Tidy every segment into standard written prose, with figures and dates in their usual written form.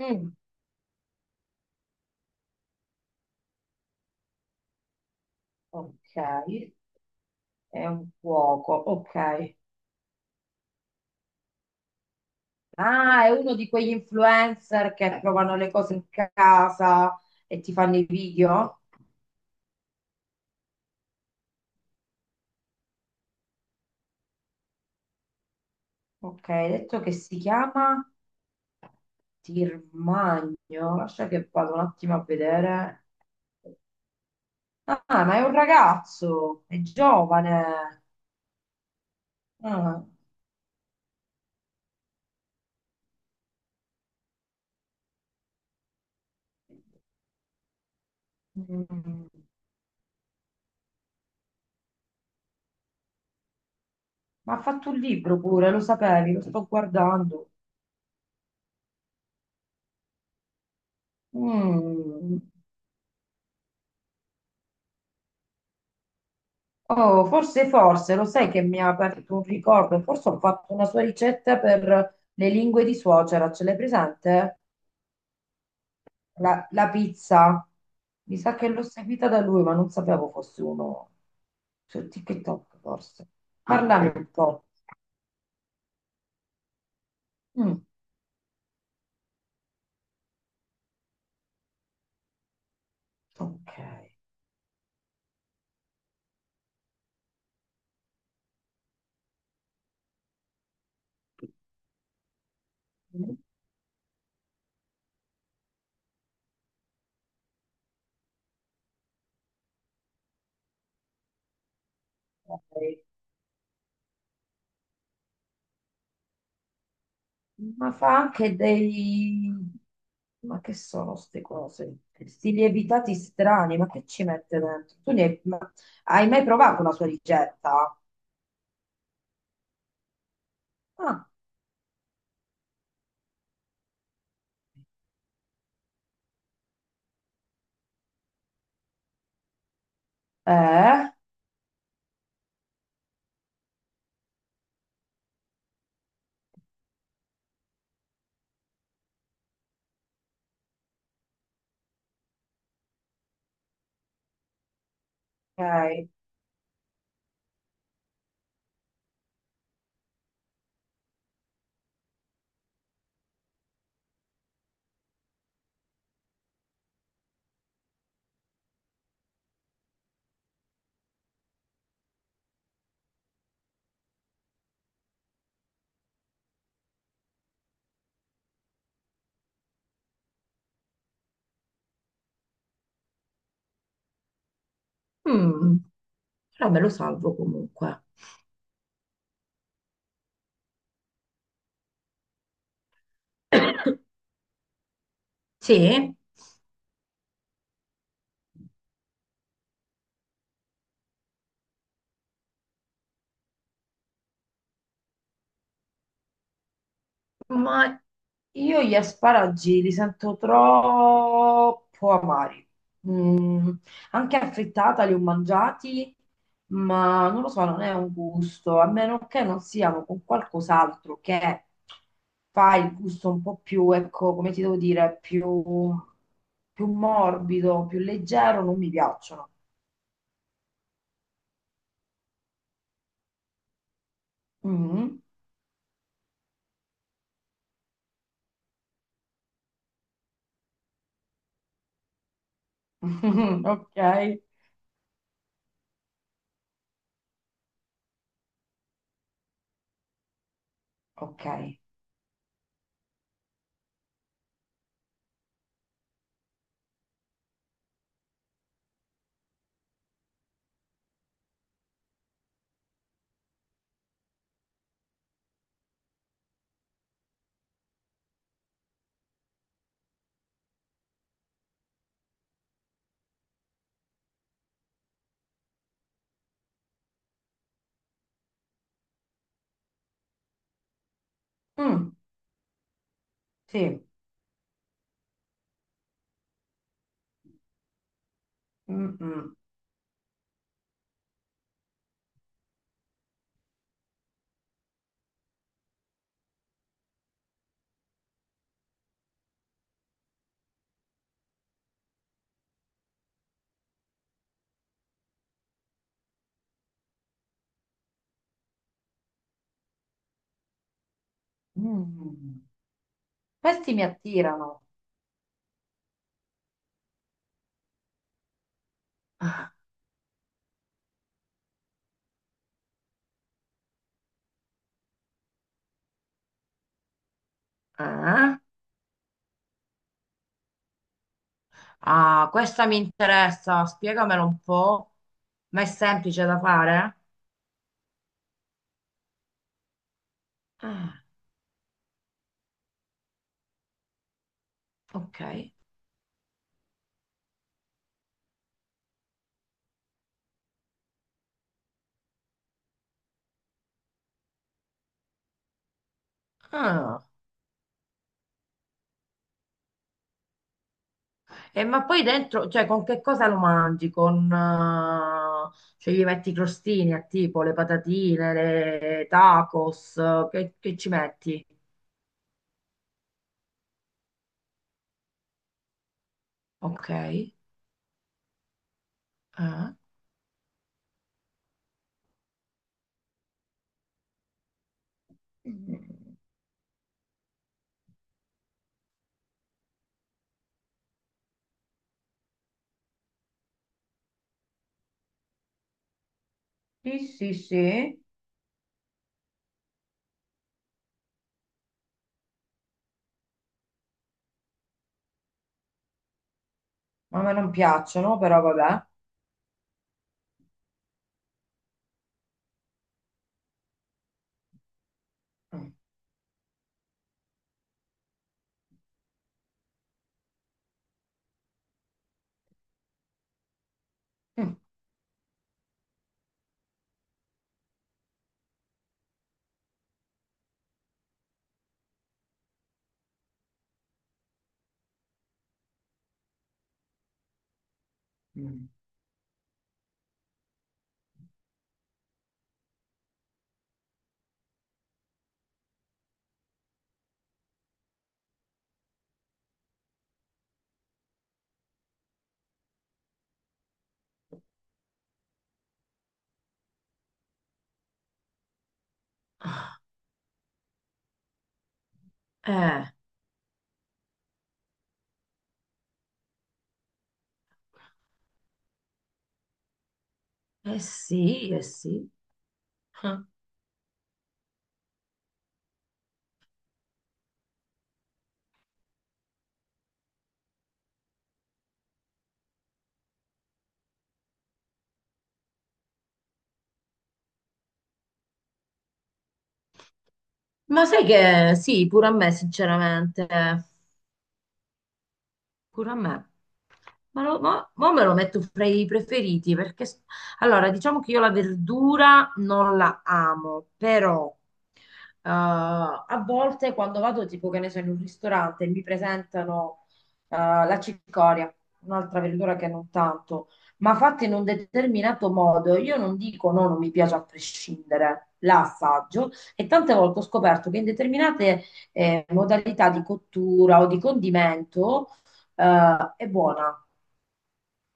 Mm, ok, è un cuoco, ok. Ah, è uno di quegli influencer che provano le cose in casa e ti fanno i video. Ok, hai detto che si chiama Tirmagno. Lascia che vado un attimo a vedere. Ah, ma è un ragazzo, è giovane. Ah, mm. Ma ha fatto un libro pure, lo sapevi, lo sto guardando. Mm. Oh, forse, lo sai che mi ha aperto un ricordo, forse ho fatto una sua ricetta per le lingue di suocera, ce l'hai presente? La pizza. Mi sa che l'ho seguita da lui, ma non sapevo fosse uno su TikTok, forse. Ah, parlami ok, un po'. Mm, ok. Ok. Ma fa anche dei... Ma che sono queste cose? Sti lievitati strani, ma che ci mette dentro? Tu ne hai, ma hai mai provato una sua ricetta? Ah, eh, ok. Mm, però me lo salvo comunque. Sì, ma io gli asparagi li sento troppo amari. Mm, anche affrittata li ho mangiati, ma non lo so, non è un gusto, a meno che non siano con qualcos'altro che fa il gusto un po' più, ecco, come ti devo dire, più, più morbido, più leggero, non mi piacciono. Mm. Ok, ok. Mm, sì. Mm, mm, mm. Questi mi attirano. Eh? Ah, eh? Ah, questa mi interessa, spiegamelo un po'. Ma è semplice da fare? Ah, ok. Ah. E ma poi dentro, cioè con che cosa lo mangi? Con, cioè gli metti i crostini a tipo le patatine, le tacos, che ci metti? Ok. Ah. Sì, sì, sì, ma a me non piacciono, però vabbè. Mm. Mm. Eh, eh sì, eh sì. Ma sai che sì, pure a me, sinceramente. Pure a me. Ma, lo- ma- mo me lo metto fra i preferiti perché s- allora diciamo che io la verdura non la amo, però a volte quando vado tipo che ne so in un ristorante e mi presentano la cicoria, un'altra verdura che non tanto, ma fatta in un determinato modo, io non dico no, non mi piace a prescindere, la assaggio e tante volte ho scoperto che in determinate modalità di cottura o di condimento è buona.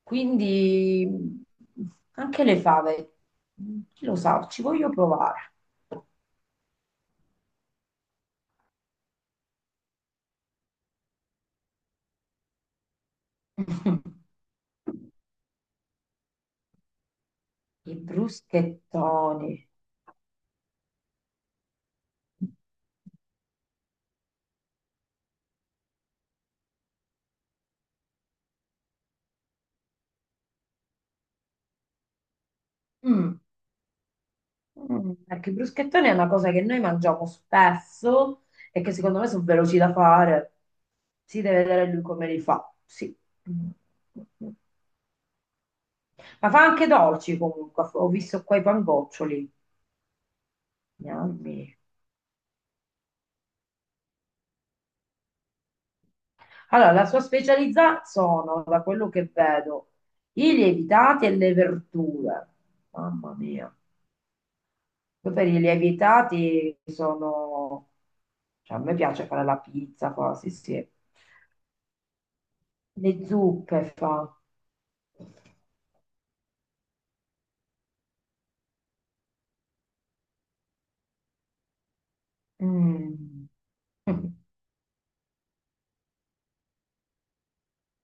Quindi anche le fave, chi lo sa, ci voglio provare. I bruschettoni. Mm, mm, perché i bruschettoni è una cosa che noi mangiamo spesso e che secondo me sono veloci da fare. Si deve vedere lui come li fa. Sì. Mm. Ma fa anche dolci comunque. Ho visto qua i pangoccioli. Gnammi. Allora, la sua specialità sono, da quello che vedo, i lievitati e le verdure. Mamma mia. Poi per i lievitati sono... Cioè, a me piace fare la pizza, quasi, sì. Le zuppe fa. Mm.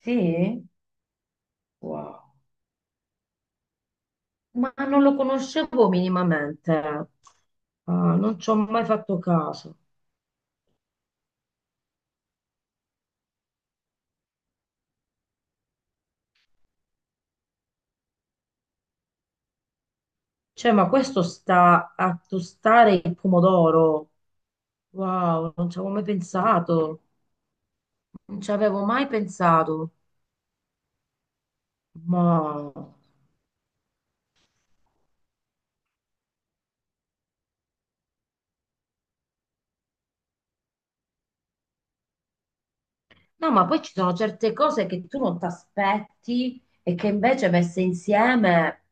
Sì? Wow. Ma non lo conoscevo minimamente. Ah, non ci ho mai fatto caso. Cioè, ma questo sta a tostare il pomodoro. Wow, non ci avevo mai pensato, non ci avevo mai pensato. Ma... No, ma poi ci sono certe cose che tu non ti aspetti e che invece messe insieme.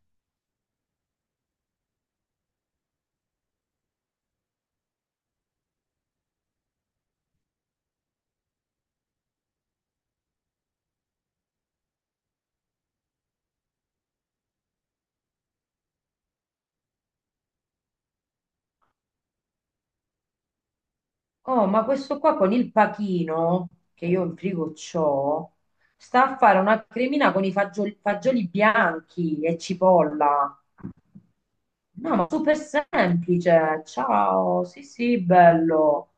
Oh, ma questo qua con il pachino, che io in frigo c'ho, sta a fare una cremina con i fagioli, fagioli bianchi e cipolla. No, ma super semplice. Ciao, sì, sì, bello.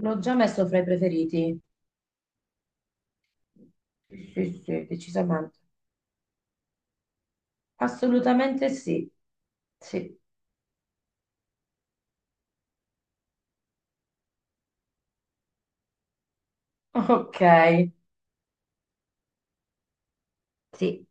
L'ho già messo fra i preferiti. Sì, sì, sì, decisamente. Assolutamente sì. Sì. Ok. Sì.